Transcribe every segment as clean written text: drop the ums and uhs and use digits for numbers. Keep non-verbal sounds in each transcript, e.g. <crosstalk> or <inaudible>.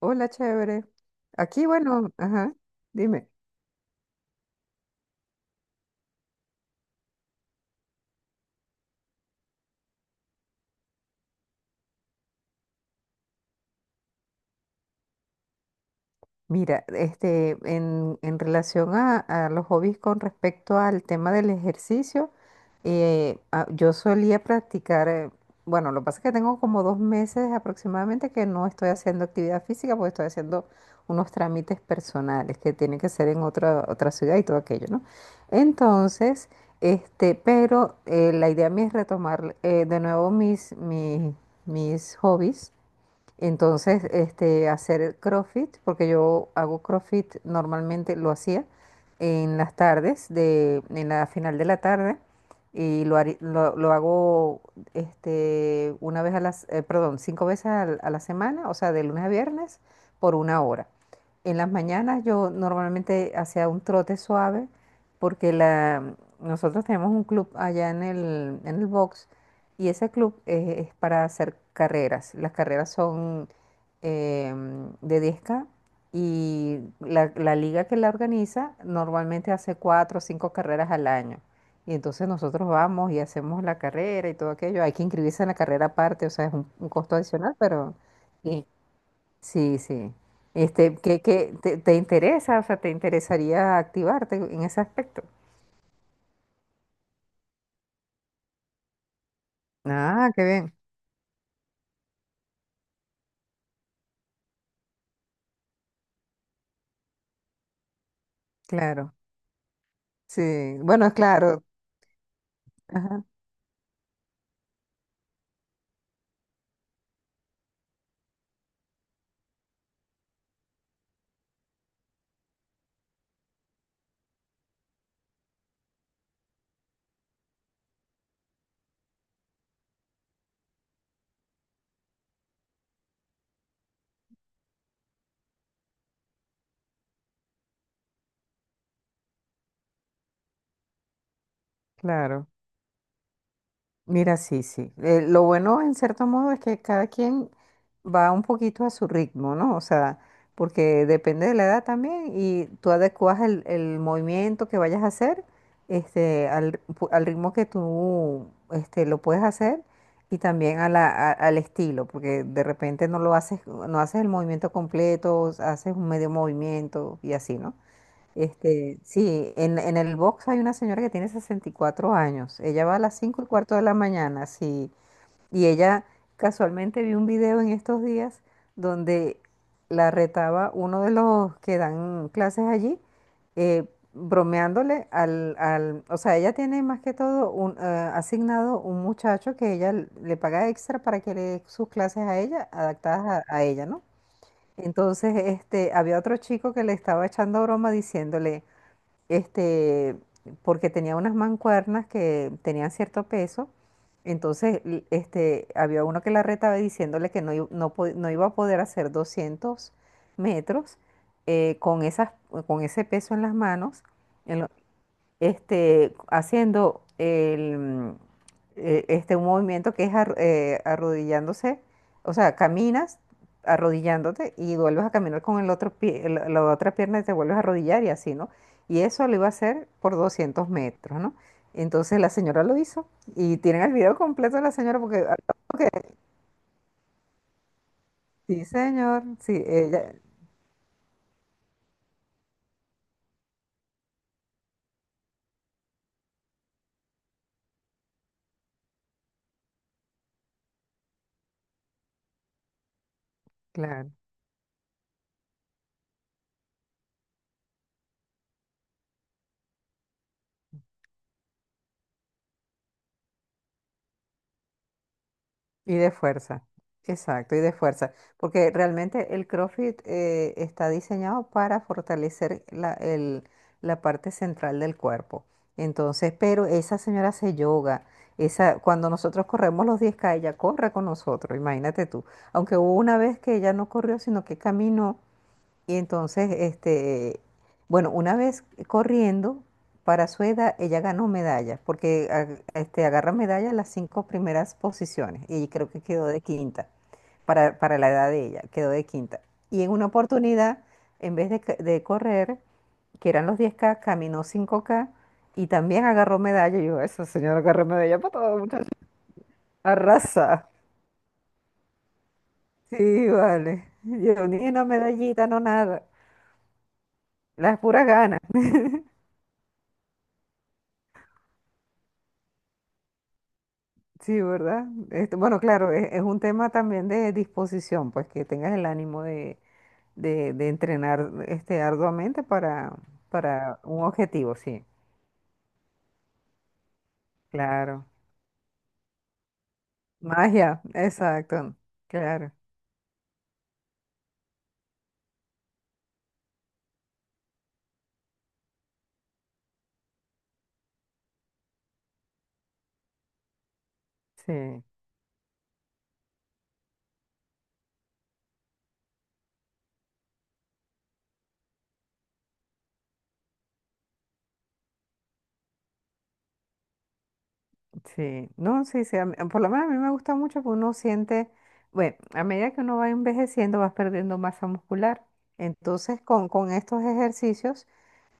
Hola, chévere. Aquí, bueno, ajá, dime. Mira, en relación a los hobbies con respecto al tema del ejercicio, yo solía practicar, bueno, lo que pasa es que tengo como dos meses aproximadamente que no estoy haciendo actividad física porque estoy haciendo unos trámites personales que tienen que ser en otra ciudad y todo aquello, ¿no? Entonces, pero la idea mía es retomar de nuevo mis hobbies. Entonces, hacer CrossFit, porque yo hago CrossFit normalmente, lo hacía en las tardes, en la final de la tarde, lo hago una vez a las, perdón, cinco veces a la semana, o sea, de lunes a viernes, por una hora. En las mañanas yo normalmente hacía un trote suave, porque nosotros tenemos un club allá en en el box, y ese club es para hacer carreras. Las carreras son de 10K, y la liga que la organiza normalmente hace cuatro o cinco carreras al año. Y entonces nosotros vamos y hacemos la carrera y todo aquello. Hay que inscribirse en la carrera aparte, o sea, es un costo adicional, pero sí, sí. Sí. Qué te interesa? O sea, ¿te interesaría activarte en ese aspecto? Ah, qué bien, claro. Sí, bueno, es claro. Ajá, claro. Mira, sí, sí. Lo bueno, en cierto modo, es que cada quien va un poquito a su ritmo, ¿no? O sea, porque depende de la edad también y tú adecuas el movimiento que vayas a hacer, al ritmo que tú lo puedes hacer, y también a al estilo, porque de repente no lo haces, no haces el movimiento completo, haces un medio movimiento y así, ¿no? Sí, en el box hay una señora que tiene 64 años. Ella va a las 5 y cuarto de la mañana, sí. Y ella, casualmente, vi un video en estos días donde la retaba uno de los que dan clases allí, eh, bromeándole al... O sea, ella tiene más que todo asignado un muchacho que ella le paga extra para que le dé sus clases a ella, adaptadas a ella, ¿no? Entonces, había otro chico que le estaba echando broma diciéndole, este, porque tenía unas mancuernas que tenían cierto peso, entonces, había uno que la retaba diciéndole que no, no iba a poder hacer 200 metros eh, con esas, con ese peso en las manos, en, lo- haciendo un movimiento que es arrodillándose, o sea, caminas arrodillándote y vuelves a caminar con el otro pie, la otra pierna, y te vuelves a arrodillar y así, ¿no? Y eso lo iba a hacer por 200 metros, ¿no? Entonces la señora lo hizo y tienen el video completo de la señora porque, sí, señor, sí, ella, claro. Y de fuerza, exacto, y de fuerza, porque realmente el CrossFit está diseñado para fortalecer la parte central del cuerpo. Entonces, pero esa señora hace yoga, esa, cuando nosotros corremos los 10K, ella corre con nosotros, imagínate tú. Aunque hubo una vez que ella no corrió, sino que caminó, y entonces, bueno, una vez corriendo, para su edad, ella ganó medallas, porque agarra medallas en las cinco primeras posiciones, y creo que quedó de quinta, para la edad de ella, quedó de quinta. Y en una oportunidad, en vez de correr, que eran los 10K, caminó 5K, y también agarró medalla. Y yo, esa señora agarró medalla para todo, muchacho. Arrasa. Sí, vale. Yo ni una medallita, no nada. Las puras ganas. Sí, ¿verdad? Bueno, claro, es un tema también de disposición, pues que tengas el ánimo de entrenar, arduamente, para un objetivo, sí, claro. Magia, exacto, claro, sí, sí. No, sí, sí, por lo menos a mí me gusta mucho, porque uno siente, bueno, a medida que uno va envejeciendo vas perdiendo masa muscular. Entonces, con estos ejercicios,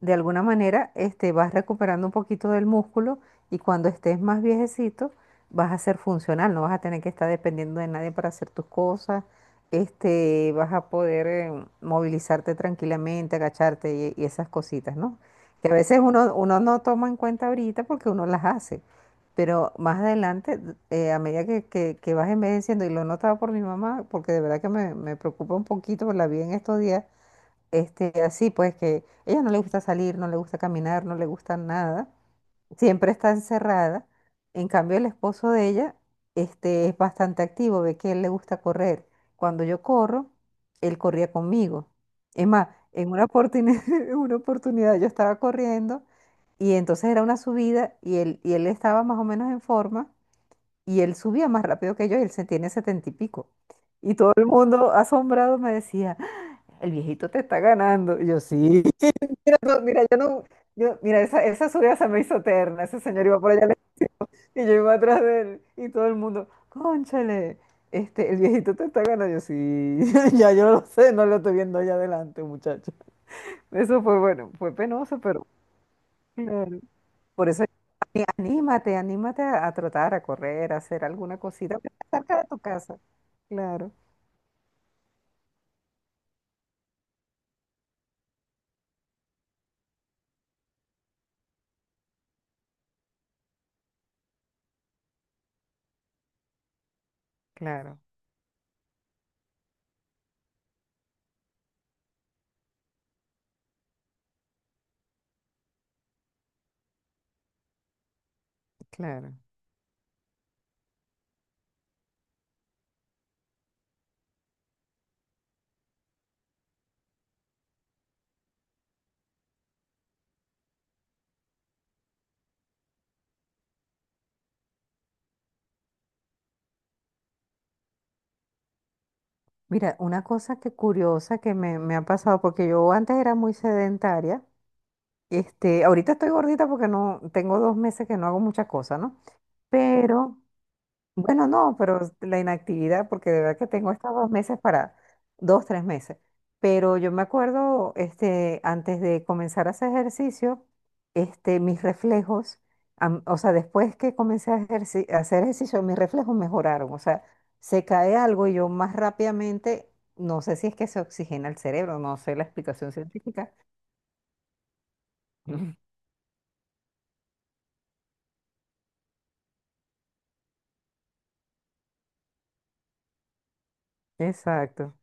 de alguna manera, vas recuperando un poquito del músculo, y cuando estés más viejecito vas a ser funcional, no vas a tener que estar dependiendo de nadie para hacer tus cosas, vas a poder movilizarte tranquilamente, agacharte, y esas cositas, ¿no? Que a veces uno no toma en cuenta ahorita porque uno las hace, pero más adelante, a medida que vas envejeciendo, y lo he notado por mi mamá, porque de verdad que me preocupa un poquito, la vi en estos días, así pues que ella no le gusta salir, no le gusta caminar, no le gusta nada, siempre está encerrada. En cambio, el esposo de ella, es bastante activo, ve que a él le gusta correr. Cuando yo corro, él corría conmigo. Es más, en una oportunidad, <laughs> una oportunidad yo estaba corriendo y entonces era una subida, y él estaba más o menos en forma, y él subía más rápido que yo, y él se tiene setenta y pico. Y todo el mundo asombrado me decía, el viejito te está ganando. Y yo, sí. <laughs> Mira, no, mira, yo no, yo, mira, esa subida se me hizo eterna. Ese señor iba por allá y yo iba atrás de él. Y todo el mundo, cónchale, el viejito te está ganando. Yo, sí, <laughs> ya yo lo sé, no lo estoy viendo allá adelante, muchacho. Eso fue bueno, fue penoso, pero claro. Por eso, anímate, anímate a tratar, a correr, a hacer alguna cosita fuera de tu casa. Claro, claro, claro. Mira, una cosa que curiosa que me ha pasado, porque yo antes era muy sedentaria, ahorita estoy gordita porque no, tengo dos meses que no hago muchas cosas, ¿no? Sí. Pero bueno, no, pero la inactividad, porque de verdad que tengo estos dos meses para, dos, tres meses. Pero yo me acuerdo, antes de comenzar a hacer ejercicio, mis reflejos, o sea, después que comencé a hacer ejercicio, mis reflejos mejoraron. O sea, se cae algo y yo más rápidamente, no sé si es que se oxigena el cerebro, no sé la explicación científica. <laughs> Exacto.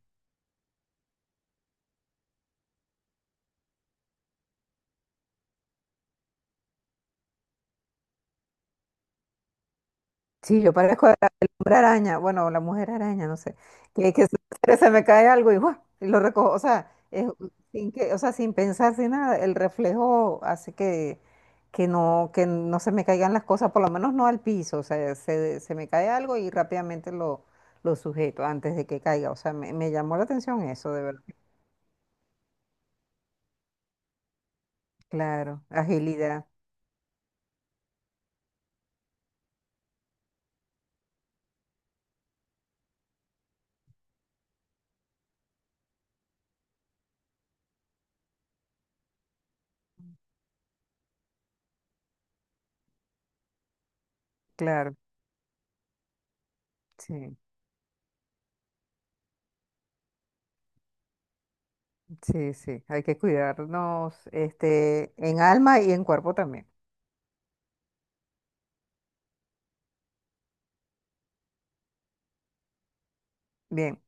Sí, yo parezco el hombre araña, bueno, o la mujer araña, no sé, <laughs> se me cae algo y, ¡guau!, y lo recojo, o sea, es sin que, o sea, sin pensar, sin nada, el reflejo hace que no se me caigan las cosas, por lo menos no al piso, o sea, se me cae algo y rápidamente lo sujeto antes de que caiga, o sea, me llamó la atención eso, de verdad. Claro, agilidad, claro, sí, sí, sí, hay que cuidarnos, en alma y en cuerpo también. Bien.